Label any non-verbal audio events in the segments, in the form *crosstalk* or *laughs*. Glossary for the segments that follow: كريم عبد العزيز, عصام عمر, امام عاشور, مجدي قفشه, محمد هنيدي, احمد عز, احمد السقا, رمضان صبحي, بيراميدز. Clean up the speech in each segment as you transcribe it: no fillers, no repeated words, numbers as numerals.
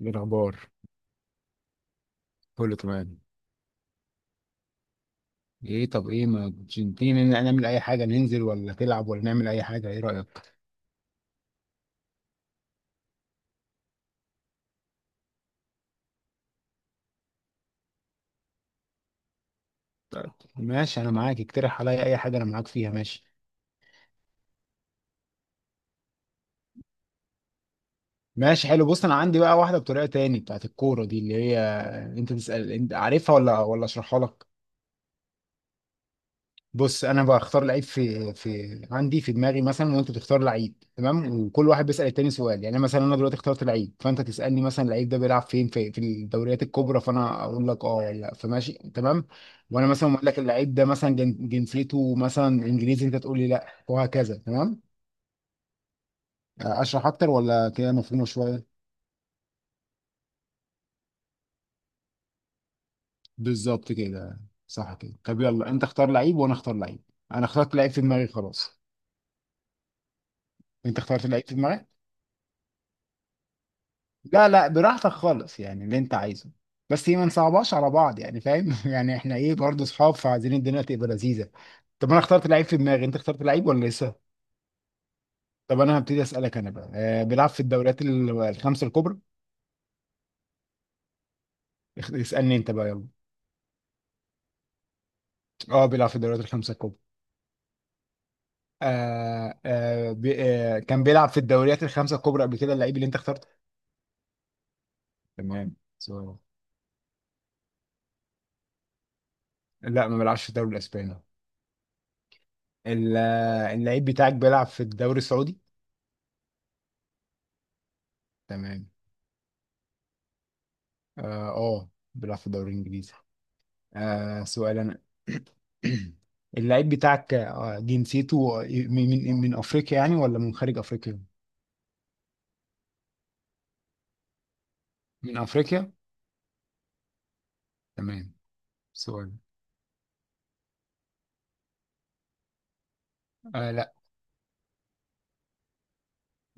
إيه الأخبار؟ كله تمام. ايه؟ طب ايه ما كنتش تيجي نعمل اي حاجة، ننزل ولا تلعب ولا نعمل اي حاجة؟ ايه رأيك؟ طيب، ماشي انا معاك، اقترح عليا اي حاجة انا معاك فيها. ماشي ماشي، حلو. بص، انا عندي بقى واحدة بطريقة تاني بتاعت الكورة دي اللي هي انت تسأل، انت عارفها ولا اشرحها لك؟ بص، انا بختار لعيب في عندي في دماغي مثلا، وانت تختار لعيب، تمام؟ وكل واحد بيسأل التاني سؤال. يعني مثلا انا دلوقتي اخترت لعيب، فانت تسألني مثلا اللعيب ده بيلعب فين، في الدوريات الكبرى؟ فانا اقول لك اه ولا لا، فماشي تمام. وانا مثلا اقول لك اللعيب ده مثلا جنسيته مثلا انجليزي، انت تقول لي لا، وهكذا. تمام؟ اشرح اكتر ولا كده مفهومه شويه؟ بالظبط كده. صح كده. طب يلا، انت اختار لعيب وانا اختار لعيب. انا اخترت لعيب في دماغي خلاص. انت اخترت لعيب في دماغك. لا لا، براحتك خالص يعني، اللي انت عايزه. بس ما نصعبهاش على بعض يعني، فاهم؟ *laughs* يعني احنا ايه برضه، اصحاب، فعايزين الدنيا تبقى لذيذه. طب انا اخترت لعيب في دماغي، انت اخترت لعيب ولا لسه؟ طب انا هبتدي اسالك انا بقى. بيلعب في الدوريات الخمسه الكبرى؟ اسالني انت بقى، يلا. اه، بيلعب في الدوريات الخمسه الكبرى. آه آه بي آه كان بيلعب في الدوريات الخمسه الكبرى قبل كده اللعيب اللي انت اخترته؟ تمام، سؤال. لا، ما بيلعبش في الدوري الاسباني. اللعيب بتاعك بيلعب في الدوري السعودي؟ تمام. اه، بيلعب في الدوري الانجليزي. آه، سؤال انا. *clears throat* اللعيب بتاعك جنسيته من افريقيا يعني ولا من خارج افريقيا؟ من افريقيا؟ تمام، سؤال. آه لا،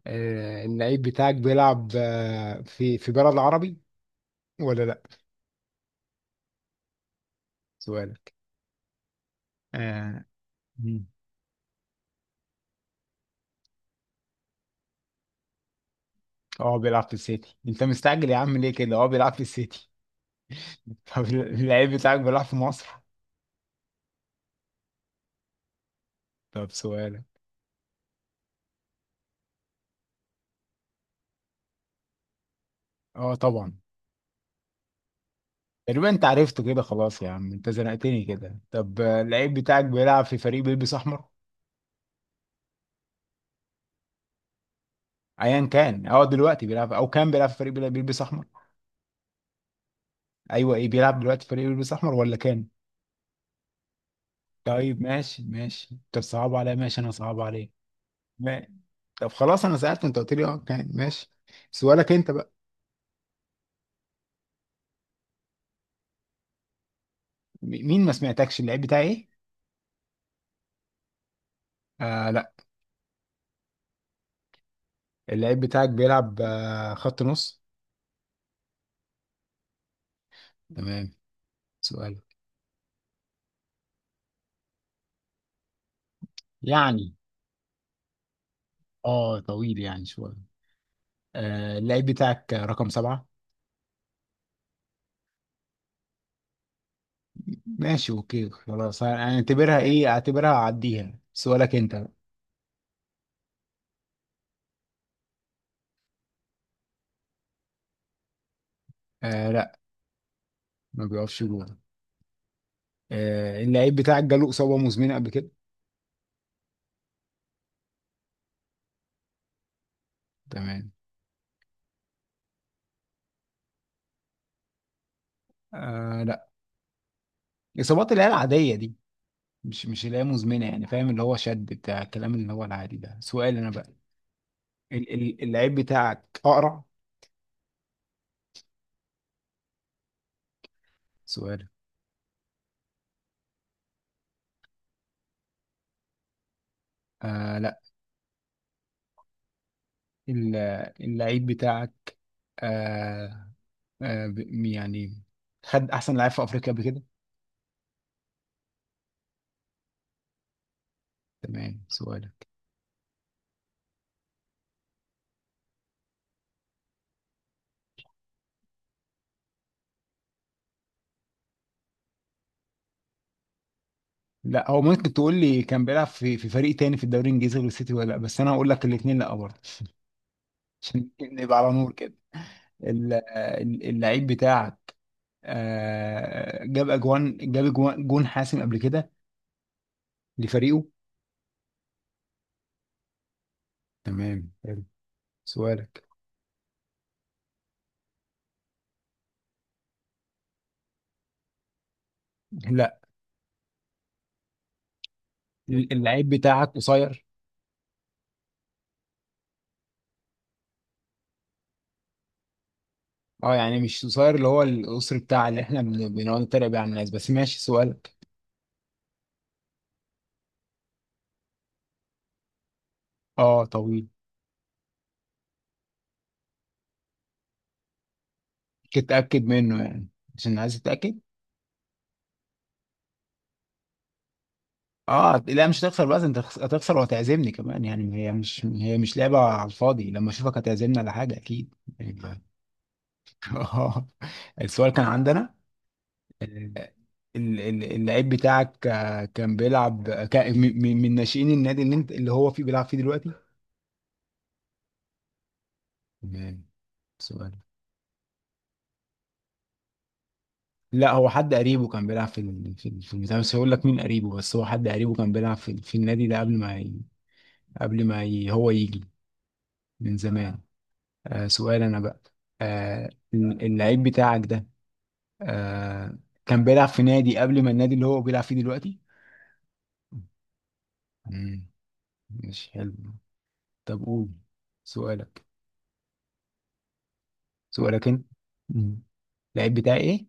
آه اللعيب بتاعك بيلعب آه في بلد عربي ولا لا؟ سؤالك. اه. مم. بيلعب في السيتي، انت مستعجل يا عم ليه كده؟ اه بيلعب في السيتي. *laughs* طب اللعيب بتاعك بيلعب في مصر؟ طب سؤالك. اه طبعا. تقريبا انت عرفته كده خلاص يا عم، انت زنقتني كده. طب اللعيب بتاعك بيلعب في فريق بيلبس احمر؟ ايا كان هو دلوقتي بيلعب او كان بيلعب في فريق بيلبس احمر. ايوه، ايه، بيلعب دلوقتي في فريق بيلبس احمر ولا كان؟ طيب ماشي ماشي، طب صعب عليا، ماشي انا، صعب عليك. ما- طب خلاص، انا سألت انت قلت لي اه كان، ماشي. سؤالك انت بقى. مين، ما سمعتكش، اللعيب بتاعي ايه؟ آه لا. اللعيب بتاعك بيلعب خط نص؟ تمام. سؤالك. يعني اه طويل يعني شويه. آه، اللعيب بتاعك رقم سبعة؟ ماشي اوكي خلاص، هنعتبرها ايه، اعتبرها اعديها. سؤالك انت. آه لا، ما بيقفش جول. آه، اللعيب بتاعك جاله اصابه مزمنه قبل كده؟ تمام. آه لا، اصابات اللي هي العاديه دي، مش مش اللي هي مزمنه يعني، فاهم؟ اللي هو شد بتاع الكلام اللي هو العادي ده. سؤال انا بقى. اللعيب بتاعك اقرع؟ سؤال. آه لا. ال- اللعيب بتاعك آه آه ب- يعني خد احسن لعيب في افريقيا قبل كده؟ تمام، سؤال. لا، هو ممكن تقول لي كان بيلعب في فريق تاني في الدوري الانجليزي غير السيتي ولا لا، بس انا هقول لك الاثنين لا برضه. عشان نبقى على نور كده. اللعيب بتاعك جاب اجوان، جون حاسم قبل كده لفريقه؟ تمام حلو. سؤالك. لا. اللعيب بتاعك قصير؟ اه يعني مش قصير، اللي هو القصر بتاع اللي احنا بنقعد نتريق بيه على الناس، بس ماشي. سؤالك. اه طويل. كنت اتاكد منه يعني، عشان عايز اتاكد. اه لا، مش هتخسر بقى، انت هتخسر وهتعزمني كمان يعني. هي مش لعبة على الفاضي، لما اشوفك هتعزمني على حاجة اكيد يعني. *laughs* آه. السؤال كان عندنا. آه، اللعيب بتاعك آه، كان بيلعب آه، كان من ناشئين النادي اللي انت اللي هو فيه بيلعب فيه دلوقتي؟ تمام، سؤال. لا، هو حد قريبه كان بيلعب في البتاع، بس هقول لك مين قريبه، بس هو حد قريبه كان بيلعب في النادي ده قبل ما ي... قبل ما ي... هو يجي، من زمان. آه، سؤال انا بقى. آه، اللعيب بتاعك ده آه كان بيلعب في نادي قبل ما النادي اللي هو بيلعب فيه دلوقتي؟ مم. مش حلو. طب قول سؤالك. انت. مم. اللعيب بتاعي ايه؟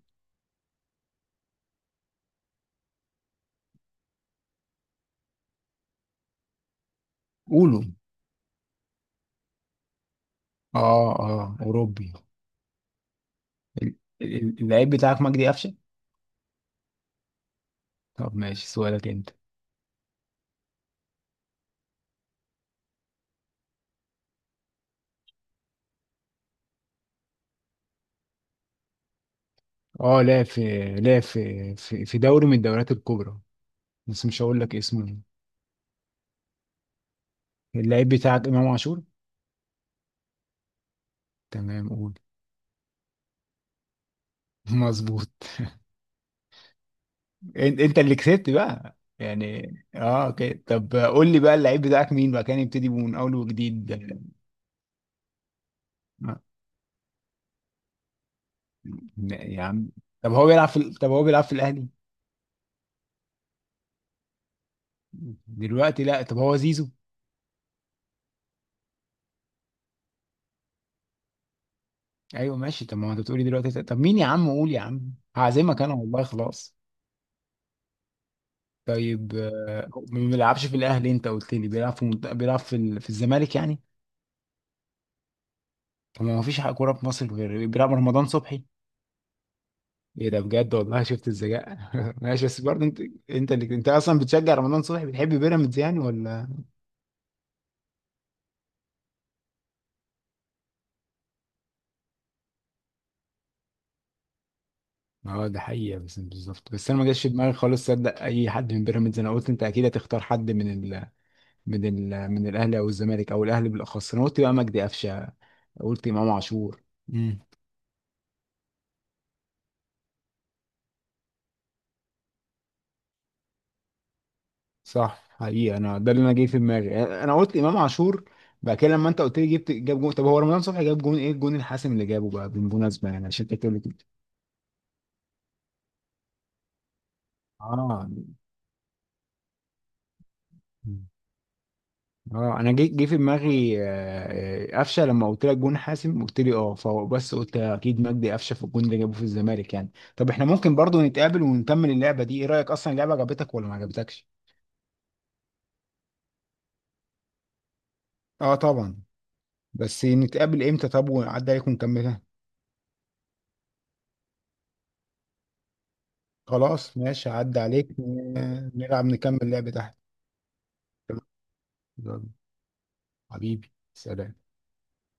قوله. اه اه اوروبي. ال- اللعيب بتاعك مجدي قفشه؟ طب ماشي، سؤالك انت. اه، لعب في في دوري من الدوريات الكبرى بس مش هقول لك اسمه. اللعيب بتاعك امام عاشور؟ تمام، قول. *laughs* مظبوط. انت انت اللي كسبت بقى يعني. اه اوكي، طب قول لي بقى اللعيب بتاعك مين بقى، كان يبتدي من اول وجديد. يا عم، طب هو بيلعب في طب هو بيلعب في الاهلي؟ دلوقتي لا. طب هو زيزو؟ ايوه ماشي. طب ما هو انت بتقولي دلوقتي، طب مين يا عم، قول يا عم، هعزمك انا والله خلاص. طيب ما بيلعبش في الاهلي، انت قلت لي بيلعب في بيلعب في الزمالك يعني؟ طب ما هو مفيش حق كوره في مصر غير بيلعب رمضان صبحي. ايه ده بجد والله، شفت الذكاء. *laughs* ماشي، بس برضه انت، انت اللي انت اصلا بتشجع رمضان صبحي، بتحب بيراميدز يعني ولا؟ اه ده حقيقة بس بالظبط، بس انا ما جاش في دماغي خالص صدق اي حد من بيراميدز. انا قلت انت اكيد هتختار حد من ال... من ال... من الاهلي او الزمالك، او الاهلي بالاخص. انا قلت بقى مجدي قفشه، قلت امام عاشور. امم. صح حقيقة، انا ده اللي انا جاي في دماغي، انا قلت امام عاشور. بعد كده لما انت قلت لي جبت، جاب جون، طب هو رمضان صبحي جاب جون؟ ايه الجون الحاسم اللي جابه بقى بالمناسبة يعني، عشان انت بتقول لي كده. اه اه، انا جه في دماغي آه، آه، قفشه. لما قلت لك جون حاسم قلت لي اه، فبس قلت اكيد مجدي قفشه في الجون اللي جابه في الزمالك يعني. طب احنا ممكن برضو نتقابل ونكمل اللعبه دي، ايه رايك؟ اصلا اللعبه عجبتك ولا ما عجبتكش؟ اه طبعا. بس نتقابل امتى، طب، ونعدي عليك ونكملها؟ خلاص ماشي، هعدي عليك نلعب نكمل اللعبه تحت. تمام. يلا، حبيبي، سلام.